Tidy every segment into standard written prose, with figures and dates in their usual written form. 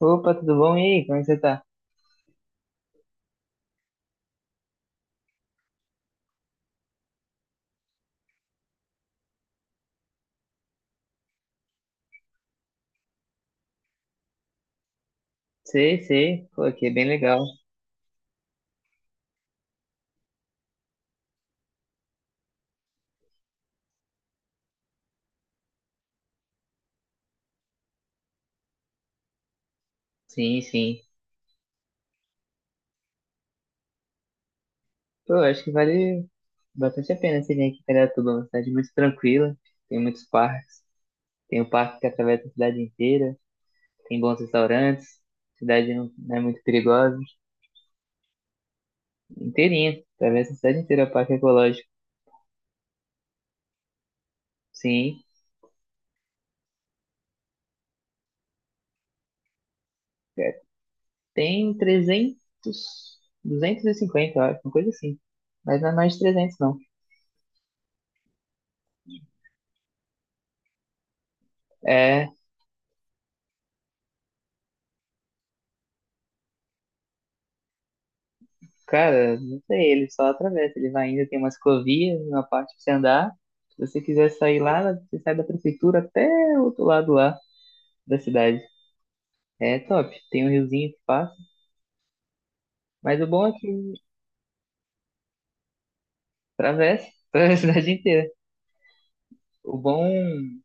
Opa, tudo bom? E aí, como é que você tá? Sei, sei. Pô, aqui é bem legal. Sim, sim. Pô, eu acho que vale bastante a pena você vir aqui para Piratuba. Uma cidade muito tranquila, tem muitos parques. Tem o parque que atravessa a cidade inteira, tem bons restaurantes, a cidade não é muito perigosa. Inteirinha, atravessa a cidade inteira, o parque ecológico. Sim, é, tem 300, 250, eu acho, uma coisa assim. Mas não é mais de 300, não. É, cara, não sei, ele só atravessa. Ele vai indo, tem uma ciclovia, uma parte pra você andar. Se você quiser sair lá, você sai da prefeitura até o outro lado lá da cidade. É top. Tem um riozinho que passa. Mas o bom é que atravessa, atravessa a cidade inteira. O bom.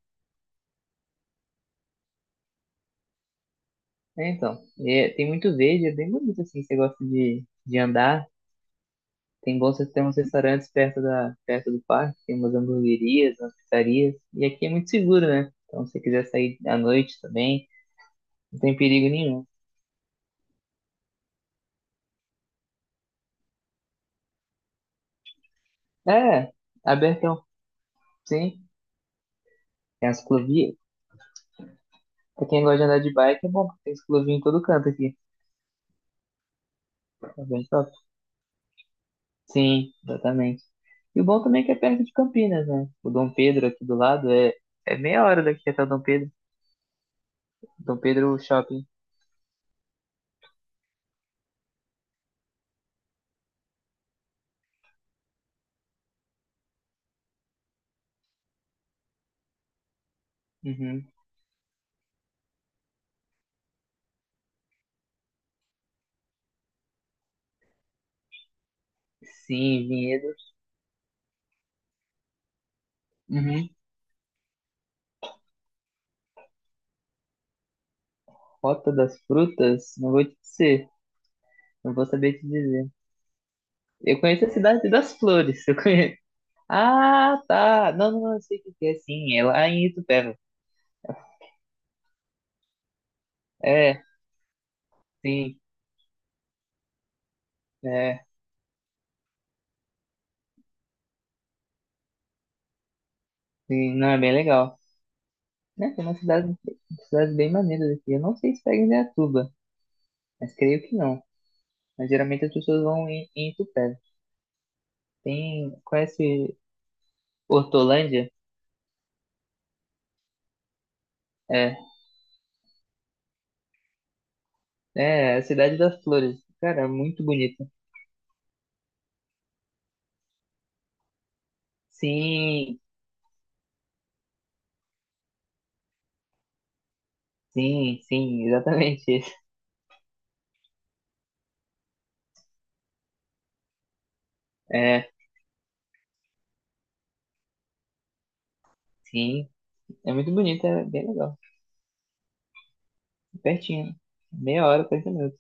É, então. Tem muito verde, é bem bonito assim. Você gosta de andar. Tem uns restaurantes perto do parque, tem umas hamburguerias, umas pizzarias. E aqui é muito seguro, né? Então, se você quiser sair à noite também, não tem perigo nenhum. É, abertão, sim. Tem as ciclovia. Pra quem gosta de andar de bike, é bom, porque tem ciclovia em todo canto aqui. É bem top. Sim, exatamente. E o bom também é que é perto de Campinas, né? O Dom Pedro aqui do lado é meia hora daqui até o Dom Pedro. Dom Pedro Shopping. Uhum. Sim, Vinhedo. Uhum. Rota das Frutas, não vou te dizer. Não vou saber te dizer. Eu conheço a Cidade das Flores, eu conheço. Ah, tá. Não, não, não, eu sei o que que é, sim. É lá em Itupeva. É, sim. É. Sim, não, é bem legal. Né, tem cidades bem maneiras aqui. Eu não sei se pega em Indaiatuba, mas creio que não. Mas geralmente as pessoas vão em Itupeva. Conhece Hortolândia? É, né, é a cidade das flores. Cara, é muito bonita. Sim, sim, sim, exatamente isso. É, sim, é muito bonita, é bem legal. Pertinho, meia hora, 40 minutos.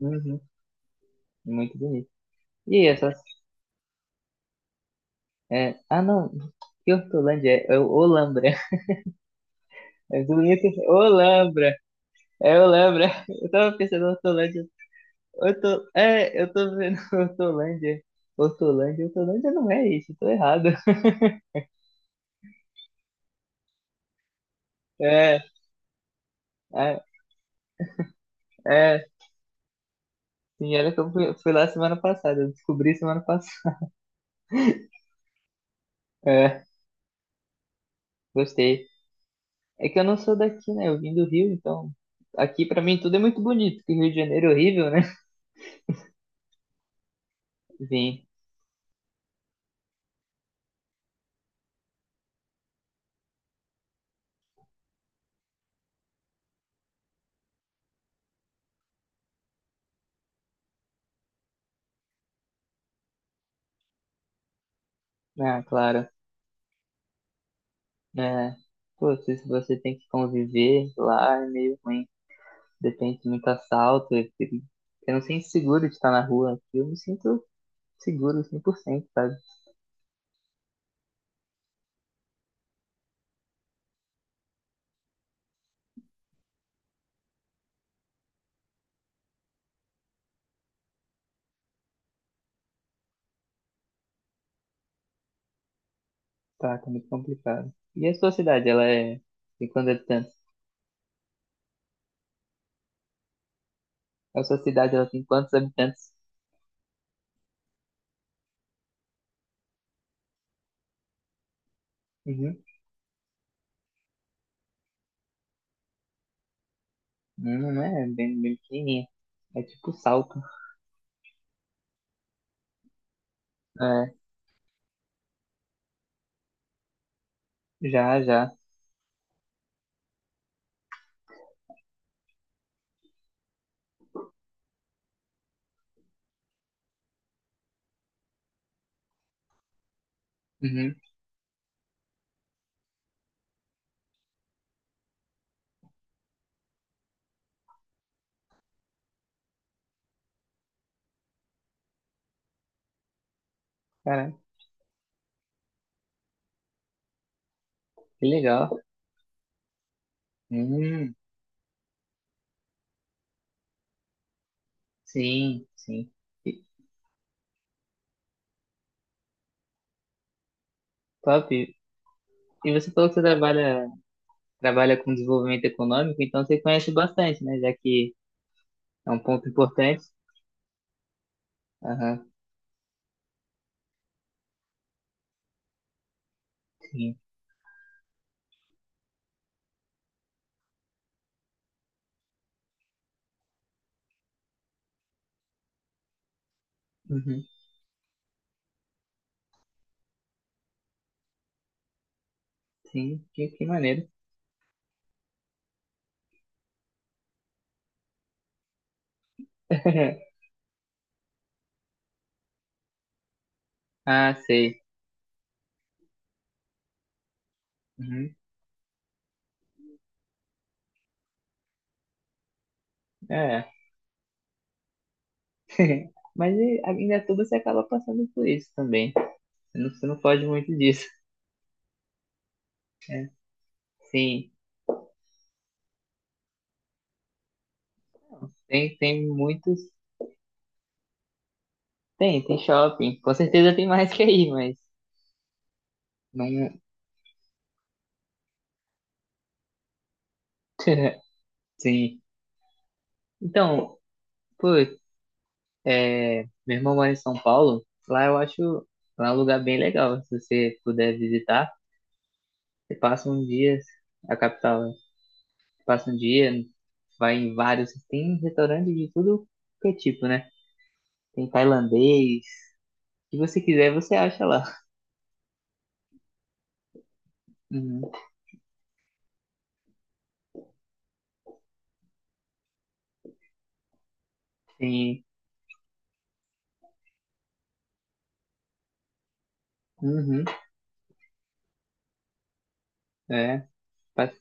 Uhum, é muito bonito. E essas... É, ah, não, que Hortolândia? É Olambra. É bonito, Olambra. É, eu lembro, é. eu tava pensando em Hortolândia. É, eu tô vendo Hortolândia. Hortolândia não é isso, tô errado. É, é, é. Sim, olha que eu fui lá semana passada, eu descobri semana passada. É, gostei. É que eu não sou daqui, né? Eu vim do Rio, então aqui pra mim tudo é muito bonito, que Rio de Janeiro é horrível, né? Vim, ah, claro. É, pô, se você tem que conviver lá, é meio ruim. Depende de muito assalto. Eu não sinto seguro de estar na rua. Aqui eu me sinto seguro 100%, sabe? Tá, tá muito complicado. E a sua cidade, tem quantos habitantes? A sua cidade, ela tem quantos habitantes? Uhum. Não, não é bem, bem pequenininha. É tipo Salto. É, já, já. Uhum. Caraca, que legal. Hum, sim, sim. E- Top. E você falou que você trabalha com desenvolvimento econômico, então você conhece bastante, né? Já que é um ponto importante. Aham, sim. Uhum, sim, que maneiro. Ah, sei. Uhum, é. Mas e, ainda é tudo você acaba passando por isso também. Você não foge muito disso. É, sim. Tem muitos. Tem shopping. Com certeza tem mais que aí, mas não. Sim. Então, pô, meu irmão mora em São Paulo. Lá, eu acho lá é um lugar bem legal. Se você puder visitar, você passa um dia a capital, né? Passa um dia, vai em vários. Tem restaurante de tudo que é tipo, né? Tem tailandês. Se você quiser, você acha lá. Uhum. Tem. Uhum. É. passa-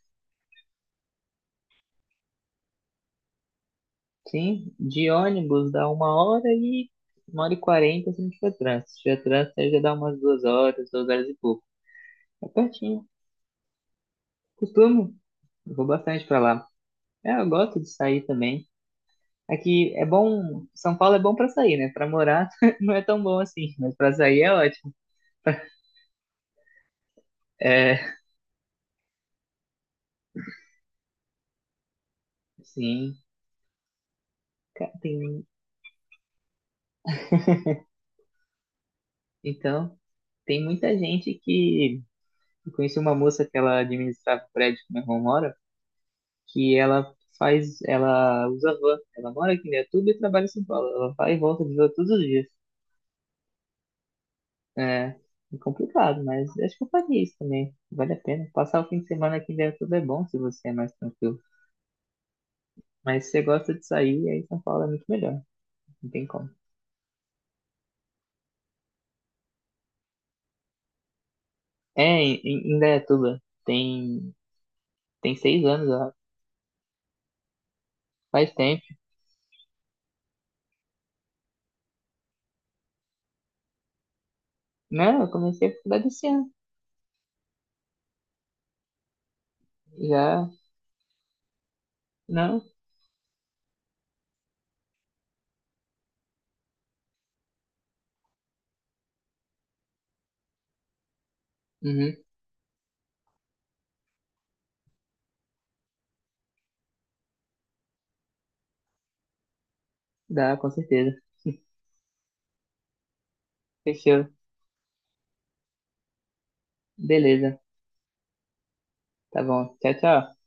Sim, de ônibus dá uma hora e quarenta se não tiver trânsito. Se tiver trânsito, aí já dá umas 2 horas, 2 horas e pouco. É pertinho. Costumo, eu vou bastante pra lá. É, eu gosto de sair também. Aqui é bom, São Paulo é bom pra sair, né? Pra morar não é tão bom assim, mas pra sair é ótimo. É, sim. Cara, tem- Então, tem muita gente que. Eu conheci uma moça que ela administrava o prédio que meu irmão mora, que ela faz. Ela usa van. Ela mora aqui em Indaiatuba e trabalha em São Paulo. Ela vai e volta de van todos os dias. É, é complicado, mas acho que eu faria isso também. Vale a pena. Passar o fim de semana aqui em Indaiatuba é bom se você é mais tranquilo. Mas se você gosta de sair, aí São Paulo é muito melhor. Não tem como. É, em Indaiatuba tem 6 anos, ó. Faz tempo. Não, eu comecei a faculdade esse ano. Já. Não? Uhum. Dá, com certeza. Fechou. Beleza. Tá bom. Tchau, tchau.